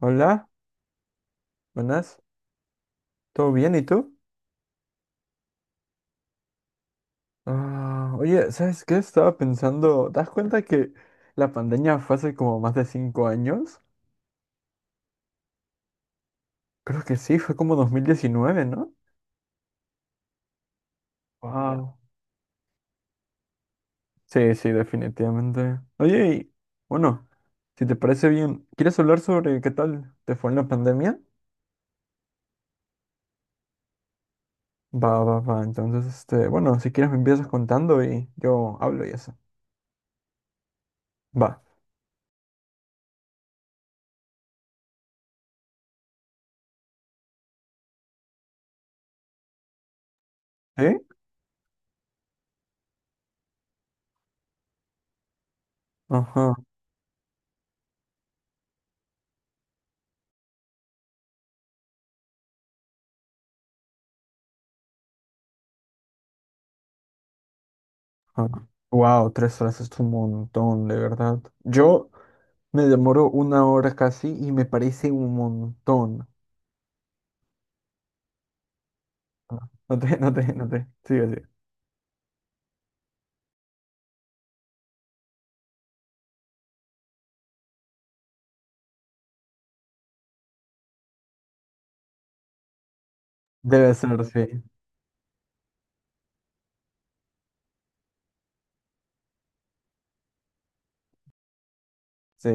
Hola, buenas, ¿todo bien? ¿Y tú? Ah, oye, ¿sabes qué? Estaba pensando, ¿te das cuenta que la pandemia fue hace como más de cinco años? Creo que sí, fue como 2019, ¿no? Wow. Sí, sí, definitivamente. Oye, y bueno, si te parece bien, ¿quieres hablar sobre qué tal te fue en la pandemia? Va, va, va. Entonces, bueno, si quieres me empiezas contando y yo hablo y eso. Va. ¿Eh? Ajá, ajá. Wow, tres horas es un montón, de verdad. Yo me demoro una hora casi y me parece un montón. Ah, No te. Sigue, sigue. Debe ser, sí. Sí.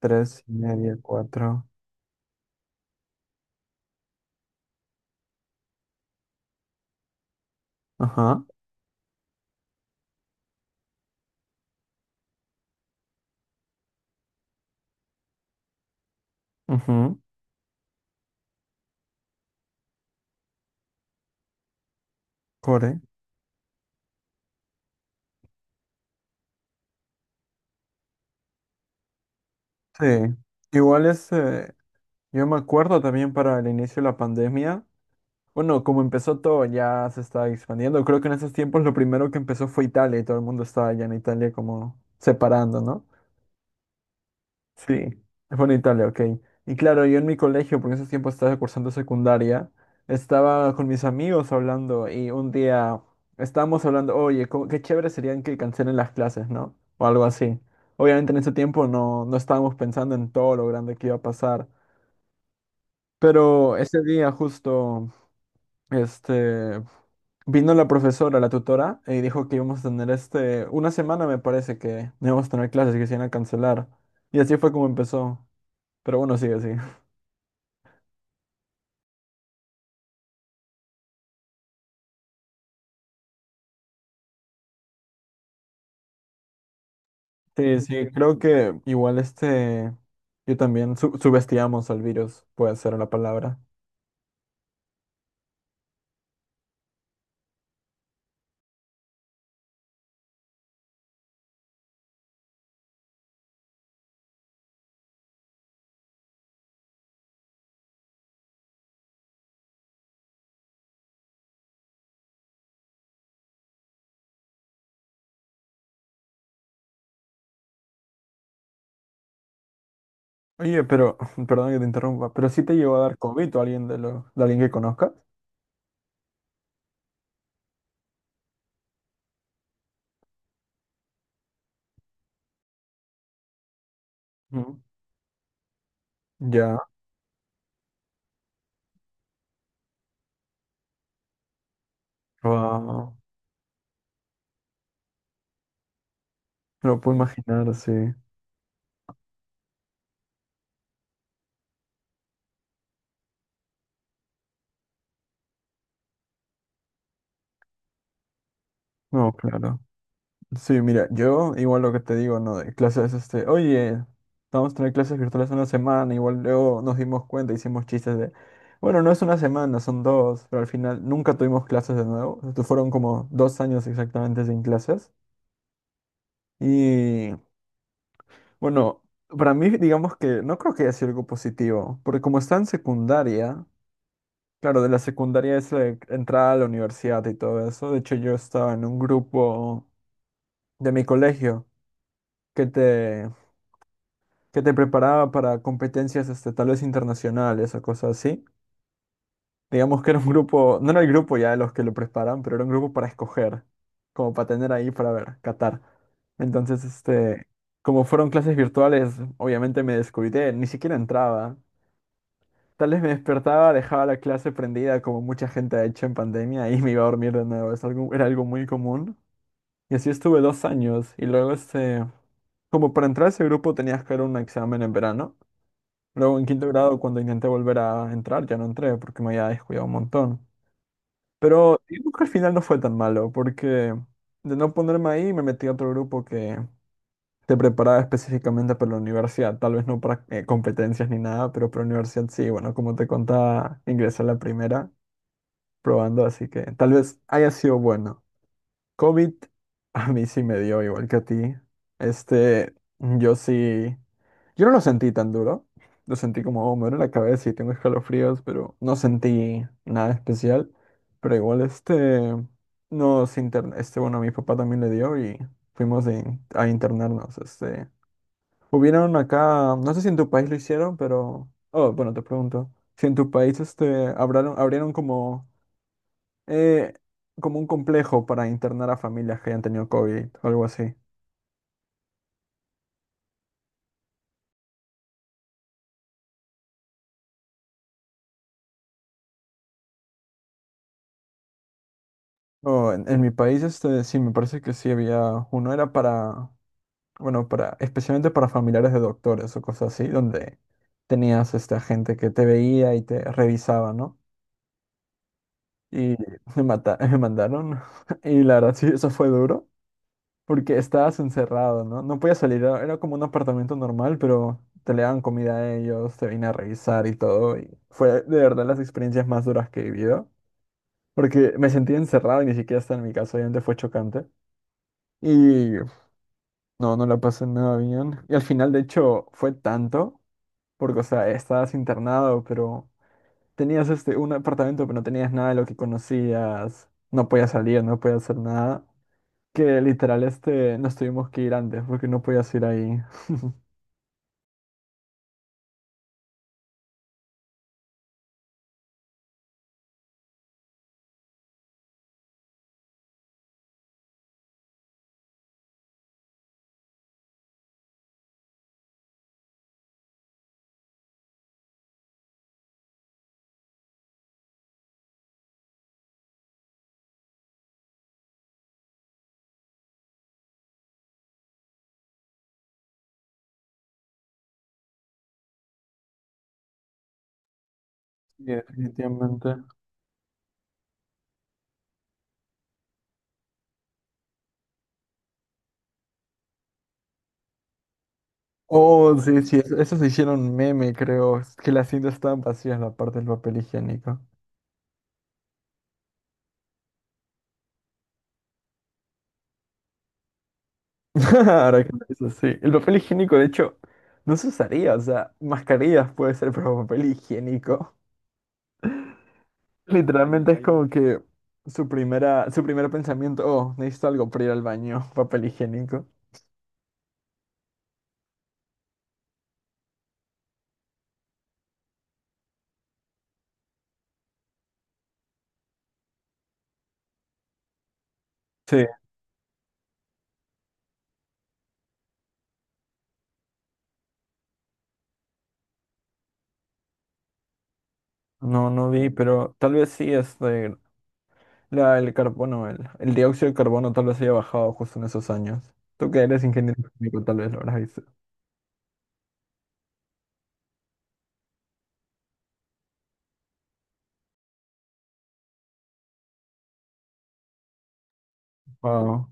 Tres y media, cuatro. Ajá, ujú. Core. Sí. Igual es. Yo me acuerdo también para el inicio de la pandemia. Bueno, como empezó todo, ya se estaba expandiendo. Creo que en esos tiempos lo primero que empezó fue Italia y todo el mundo estaba allá en Italia como separando, ¿no? Sí, fue en Italia, ok. Y claro, yo en mi colegio, porque en ese tiempo estaba cursando secundaria, estaba con mis amigos hablando y un día estábamos hablando, oye, qué chévere serían que cancelen las clases, ¿no? O algo así. Obviamente en ese tiempo no estábamos pensando en todo lo grande que iba a pasar, pero ese día justo, este, vino la profesora, la tutora, y dijo que íbamos a tener este, una semana me parece que no íbamos a tener clases que se iban a cancelar. Y así fue como empezó. Pero bueno, sigue así. Sí, sí, creo que igual este, yo también subestimamos al virus, puede ser la palabra. Oye, pero, perdón que te interrumpa, pero sí te llegó a dar COVID o alguien de alguien que conozcas. Ujú. Ya, wow, lo puedo imaginar, sí. No, claro. Sí, mira, yo igual lo que te digo, ¿no? De clases, este, oye, vamos a tener clases virtuales una semana, igual luego nos dimos cuenta, hicimos chistes de, bueno, no es una semana, son dos, pero al final nunca tuvimos clases de nuevo, esto fueron como dos años exactamente sin clases. Y bueno, para mí, digamos que no creo que haya sido algo positivo, porque como está en secundaria, claro, de la secundaria es la entrada a la universidad y todo eso, de hecho yo estaba en un grupo de mi colegio que te que te preparaba para competencias este, tal vez internacionales o cosas así. Digamos que era un grupo, no era el grupo ya de los que lo preparan, pero era un grupo para escoger, como para tener ahí para ver, catar. Entonces, este, como fueron clases virtuales, obviamente me descuidé, ni siquiera entraba. Tal vez me despertaba, dejaba la clase prendida como mucha gente ha hecho en pandemia y me iba a dormir de nuevo. Era algo muy común. Y así estuve dos años y luego, este, como para entrar a ese grupo tenías que dar un examen en verano. Luego en quinto grado, cuando intenté volver a entrar, ya no entré porque me había descuidado un montón. Pero digamos que al final no fue tan malo, porque de no ponerme ahí me metí a otro grupo que te preparaba específicamente para la universidad. Tal vez no para competencias ni nada, pero para la universidad sí. Bueno, como te contaba, ingresé a la primera probando, así que tal vez haya sido bueno. COVID a mí sí me dio igual que a ti. Este, yo sí, yo no lo sentí tan duro. Lo sentí como, oh, me duele la cabeza y tengo escalofríos, pero no sentí nada especial. Pero igual este, bueno, a mi papá también le dio y fuimos a internarnos. Este, hubieron acá, no sé si en tu país lo hicieron, pero, oh, bueno, te pregunto, si en tu país este, abrieron como eh, como un complejo para internar a familias que hayan tenido COVID o algo así. No, en mi país este, sí, me parece que sí había uno, era para, bueno, para, especialmente para familiares de doctores o cosas así, donde tenías esta gente que te veía y te revisaba, ¿no? Y me mandaron, y la verdad sí, eso fue duro. Porque estabas encerrado, ¿no? No podías salir, era como un apartamento normal, pero te le daban comida a ellos, te venían a revisar y todo. Y fue de verdad las experiencias más duras que he vivido, porque me sentí encerrado y ni siquiera estaba en mi casa, obviamente fue chocante. Y no, no la pasé nada bien. Y al final, de hecho, fue tanto, porque, o sea, estabas internado, pero tenías este, un apartamento, pero no tenías nada de lo que conocías, no podías salir, no podías hacer nada que literal este nos tuvimos que ir antes porque no podías ir ahí. Sí, definitivamente. Oh, sí, sí, esos se hicieron meme, creo. Es que las cintas estaban vacías, la parte del papel higiénico. Ahora que lo pienso, sí. El papel higiénico, de hecho, no se usaría, o sea, mascarillas puede ser, pero papel higiénico. Literalmente es como que su primer pensamiento, oh, necesito algo para ir al baño, papel higiénico. Sí, no, no vi, pero tal vez sí, este, el carbono, el dióxido de carbono tal vez haya bajado justo en esos años. Tú que eres ingeniero químico tal vez lo habrás visto. Wow.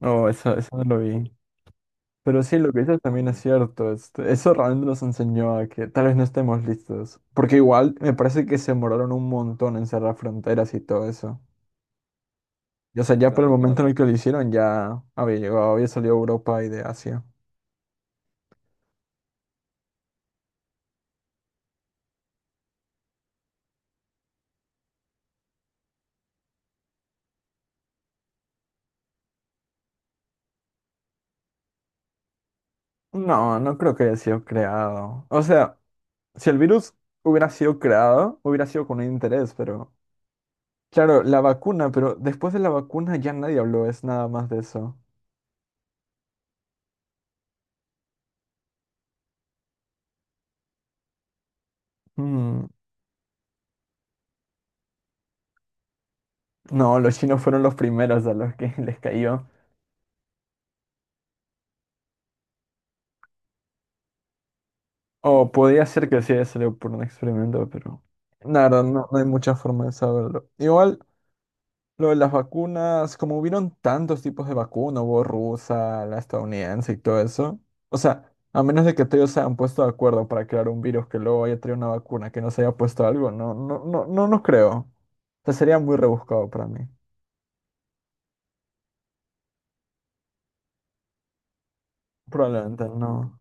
No, eso no lo vi. Pero sí, lo que dices también es cierto. Este, eso realmente nos enseñó a que tal vez no estemos listos. Porque igual me parece que se demoraron un montón en cerrar fronteras y todo eso. Y, o sea, ya por el claro, momento en el que lo hicieron ya había llegado, había salido de Europa y de Asia. No, no creo que haya sido creado. O sea, si el virus hubiera sido creado, hubiera sido con un interés, pero... Claro, la vacuna, pero después de la vacuna ya nadie habló, es nada más de eso. Mm. No, los chinos fueron los primeros a los que les cayó. O podía ser que sí haya sido por un experimento, pero la verdad no, no hay mucha forma de saberlo. Igual, lo de las vacunas, como hubieron tantos tipos de vacuna, hubo rusa, la estadounidense y todo eso. O sea, a menos de que todos se hayan puesto de acuerdo para crear un virus que luego haya traído una vacuna que no se haya puesto algo, no, no, no, no, no creo. O sea, sería muy rebuscado para mí. Probablemente no.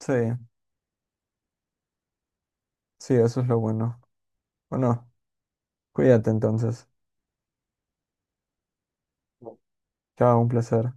Sí, sí, eso es lo bueno. Bueno, cuídate entonces. Chao, un placer.